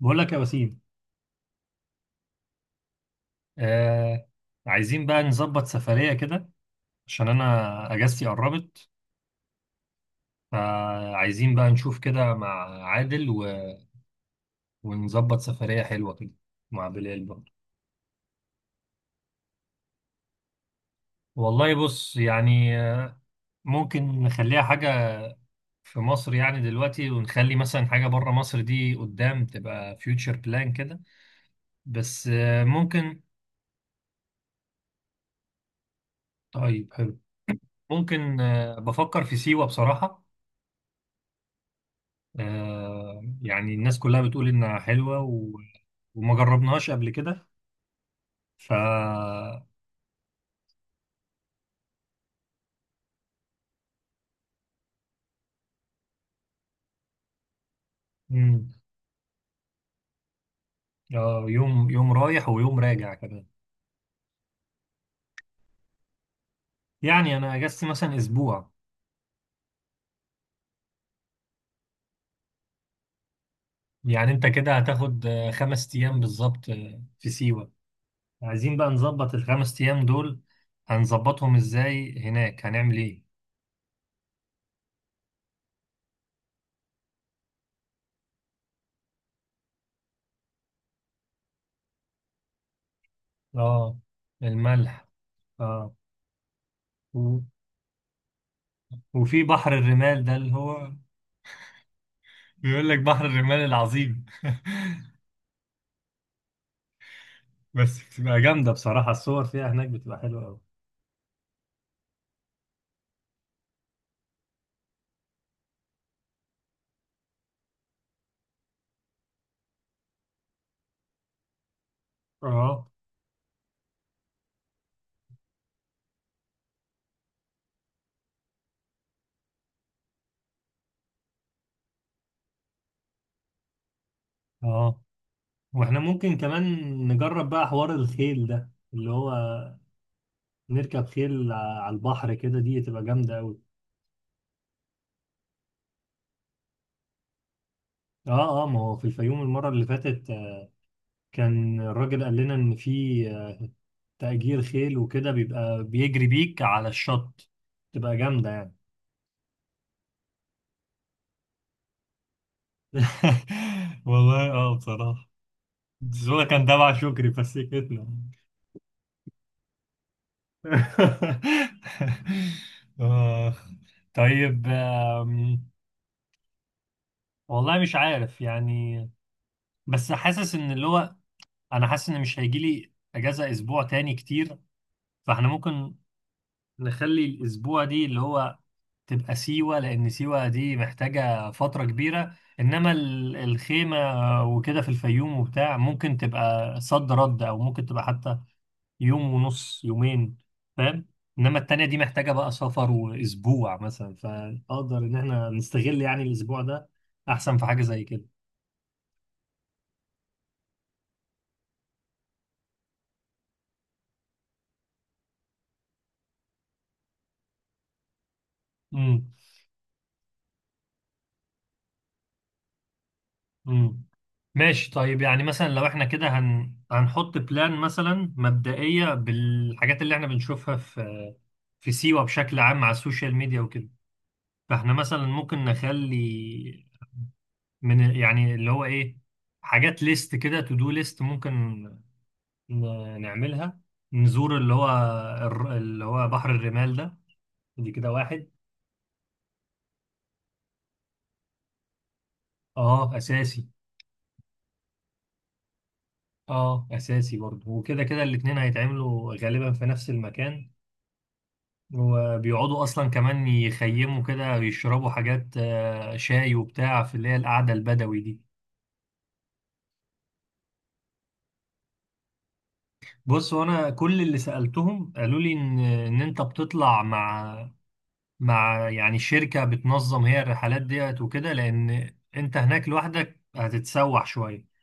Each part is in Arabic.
بقول لك يا وسيم. آه. عايزين بقى نظبط سفرية كده، عشان أنا أجازتي قربت، فعايزين بقى نشوف كده مع عادل ونظبط سفرية حلوة كده مع بلال برضه. والله، بص يعني، ممكن نخليها حاجة في مصر يعني دلوقتي، ونخلي مثلا حاجة بره مصر دي قدام تبقى فيوتشر بلان كده. بس ممكن. طيب، حلو. ممكن، بفكر في سيوة بصراحة. يعني الناس كلها بتقول إنها حلوة وما جربناهاش قبل كده. ف مم. يوم يوم رايح ويوم راجع كمان. يعني أنا أجازتي مثلا أسبوع. يعني أنت كده هتاخد 5 أيام بالظبط في سيوة. عايزين بقى نظبط الـ 5 أيام دول، هنظبطهم إزاي هناك؟ هنعمل إيه؟ آه. الملح. آه. و... وفي بحر الرمال ده اللي هو، بيقول لك بحر الرمال العظيم. بس بتبقى جامدة بصراحة، الصور فيها هناك بتبقى حلوة أوي. اه، اه. واحنا ممكن كمان نجرب بقى حوار الخيل ده، اللي هو نركب خيل على البحر، كده دي تبقى جامدة أوي. اه، اه، ما هو في الفيوم المرة اللي فاتت كان الراجل قال لنا إن في تأجير خيل، وكده بيبقى بيجري بيك على الشط، تبقى جامدة يعني. والله اه بصراحة، بس هو كان تبع شكري فسكتنا. آخ. طيب، والله مش عارف يعني. بس حاسس ان اللي هو، انا حاسس ان مش هيجي لي اجازه اسبوع تاني كتير، فاحنا ممكن نخلي الاسبوع دي اللي هو تبقى سيوه، لان سيوه دي محتاجه فتره كبيره، انما الخيمه وكده في الفيوم وبتاع ممكن تبقى صد رد، او ممكن تبقى حتى يوم ونص، يومين، فاهم؟ انما التانية دي محتاجة بقى سفر واسبوع مثلا، فاقدر ان احنا نستغل يعني الاسبوع ده احسن في حاجة زي كده. امم، امم. ماشي، طيب يعني مثلا لو احنا كده هنحط بلان مثلا مبدئية بالحاجات اللي احنا بنشوفها في سيوة بشكل عام على السوشيال ميديا وكده، فاحنا مثلا ممكن نخلي من يعني اللي هو ايه، حاجات ليست كده، تو دو ليست، ممكن نعملها. نزور اللي هو اللي هو بحر الرمال ده، دي كده واحد. اه اساسي. اه اساسي برضه، وكده كده الاتنين هيتعملوا غالبا في نفس المكان، وبيقعدوا اصلا كمان يخيموا كده، يشربوا حاجات شاي وبتاع في اللي هي القعده البدوي دي. بص، وانا كل اللي سالتهم قالوا لي ان ان انت بتطلع مع يعني شركه بتنظم هي الرحلات ديت وكده، لان انت هناك لوحدك هتتسوح شويه،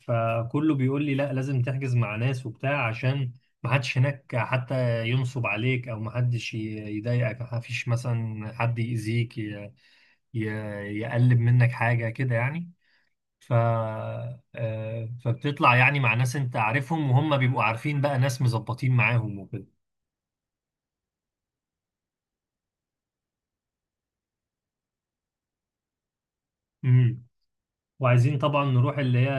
فكله بيقول لي لا، لازم تحجز مع ناس وبتاع، عشان ما حدش هناك حتى ينصب عليك، او ما حدش يضايقك، ما فيش مثلا حد يأذيك ي- يقلب منك حاجة كده يعني. ف آه، فبتطلع يعني مع ناس انت عارفهم، وهم بيبقوا عارفين بقى ناس مظبطين معاهم وكده. امم. وعايزين طبعا نروح اللي هي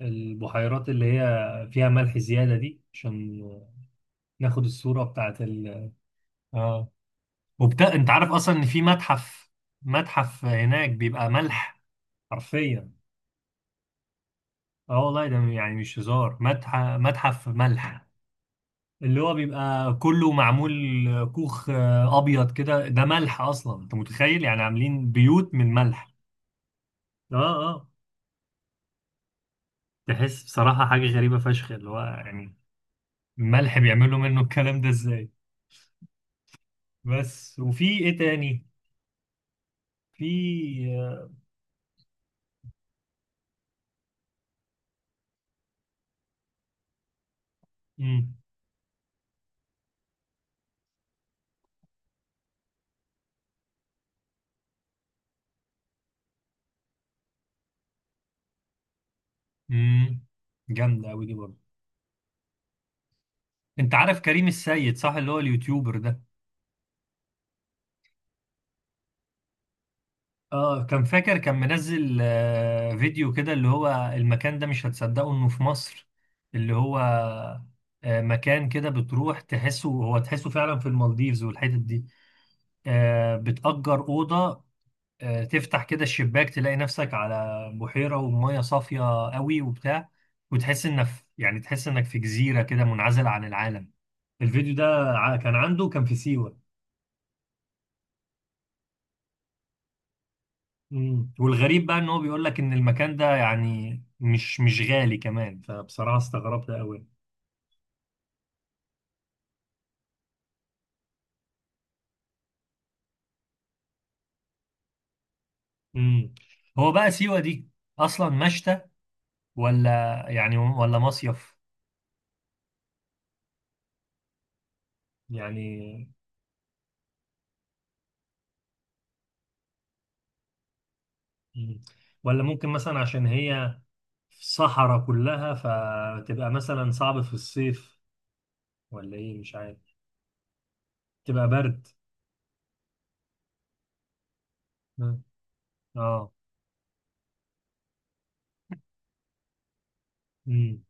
البحيرات اللي هي فيها ملح زيادة دي، عشان ناخد الصورة بتاعت اه. انت عارف اصلا ان في متحف متحف هناك بيبقى ملح، حرفيا. اه والله، ده يعني مش هزار، متحف ملح. اللي هو بيبقى كله معمول كوخ ابيض كده، ده ملح. اصلا انت متخيل؟ يعني عاملين بيوت من ملح. اه، اه. تحس بصراحة حاجة غريبة فشخ، اللي هو يعني الملح بيعملوا منه الكلام ده ازاي. بس، وفي ايه تاني؟ في امم، امم. جامدة قوي دي برضه. انت عارف كريم السيد صح؟ اللي هو اليوتيوبر ده. اه، كان فاكر كان منزل فيديو كده اللي هو، المكان ده مش هتصدقه انه في مصر. اللي هو مكان كده بتروح تحسه، هو تحسه فعلا في المالديفز والحتت دي. بتأجر أوضة، تفتح كده الشباك، تلاقي نفسك على بحيرة ومية صافية قوي وبتاع، وتحس انك يعني، تحس انك في جزيرة كده منعزل عن العالم. الفيديو ده كان عنده، كان في سيوة. مم. والغريب بقى ان هو بيقول لك ان المكان ده يعني مش غالي كمان، فبصراحة استغربت قوي. امم. هو بقى سيوة دي اصلا مشتى ولا يعني ولا مصيف؟ يعني. مم. ولا ممكن مثلا عشان هي في صحراء كلها فتبقى مثلا صعب في الصيف؟ ولا ايه؟ مش عارف. تبقى برد. مم. اه. امم.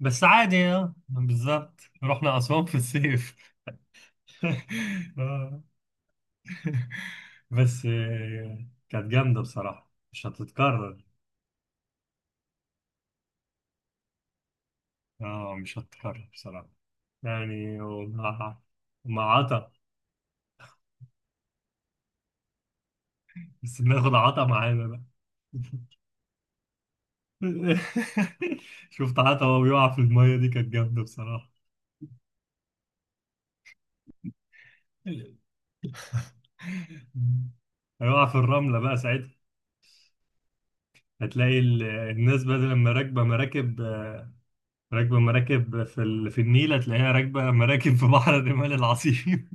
بس عادي اه بالظبط، رحنا اسوان في الصيف. آه. بس كانت جامدة بصراحة، مش هتتكرر. اه، مش هتتكرر بصراحة يعني، مع عطا، بس بناخد عطا معانا بقى. شفت عطا وهو بيقع في المية، دي كانت جامدة بصراحة. هيقع في الرملة بقى ساعتها، هتلاقي الناس بدل ما راكبة مراكب، راكبة مراكب في النيل، هتلاقيها راكبة مراكب في بحر الرمال العظيم.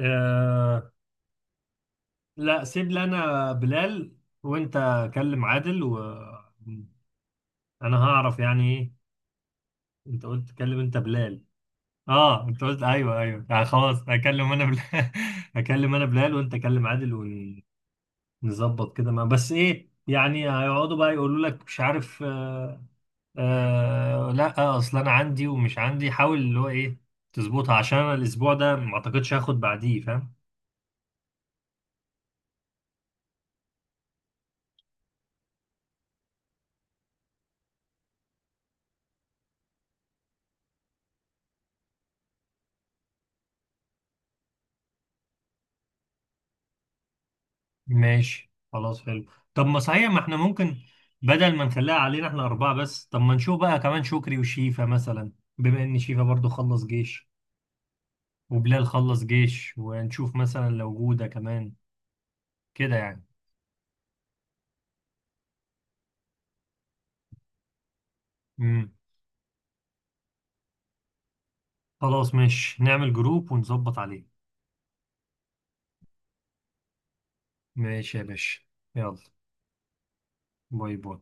لا، سيب لي انا بلال، وانت كلم عادل، وانا هعرف يعني ايه؟ انت قلت كلم انت بلال. اه انت قلت، ايوه ايوه آه، خلاص هكلم انا بلال. هكلم انا بلال وانت كلم عادل، ونظبط كده. ما بس ايه يعني، هيقعدوا بقى يقولوا لك مش عارف، آه. آه لا، اصل انا عندي ومش عندي، حاول اللي هو ايه تظبطها عشان انا الاسبوع ده ما اعتقدش هاخد بعديه، فاهم. ماشي، خلاص، حلو. طب ما صحيح، ما احنا ممكن بدل ما نخليها علينا احنا أربعة بس، طب ما نشوف بقى كمان شكري وشيفا مثلا، بما إن شيفا برضو خلص جيش، وبلال خلص جيش، ونشوف مثلا لو جودة كمان كده يعني. امم. خلاص ماشي، نعمل جروب ونظبط عليه. ماشي يا باشا، يلا. باي باي.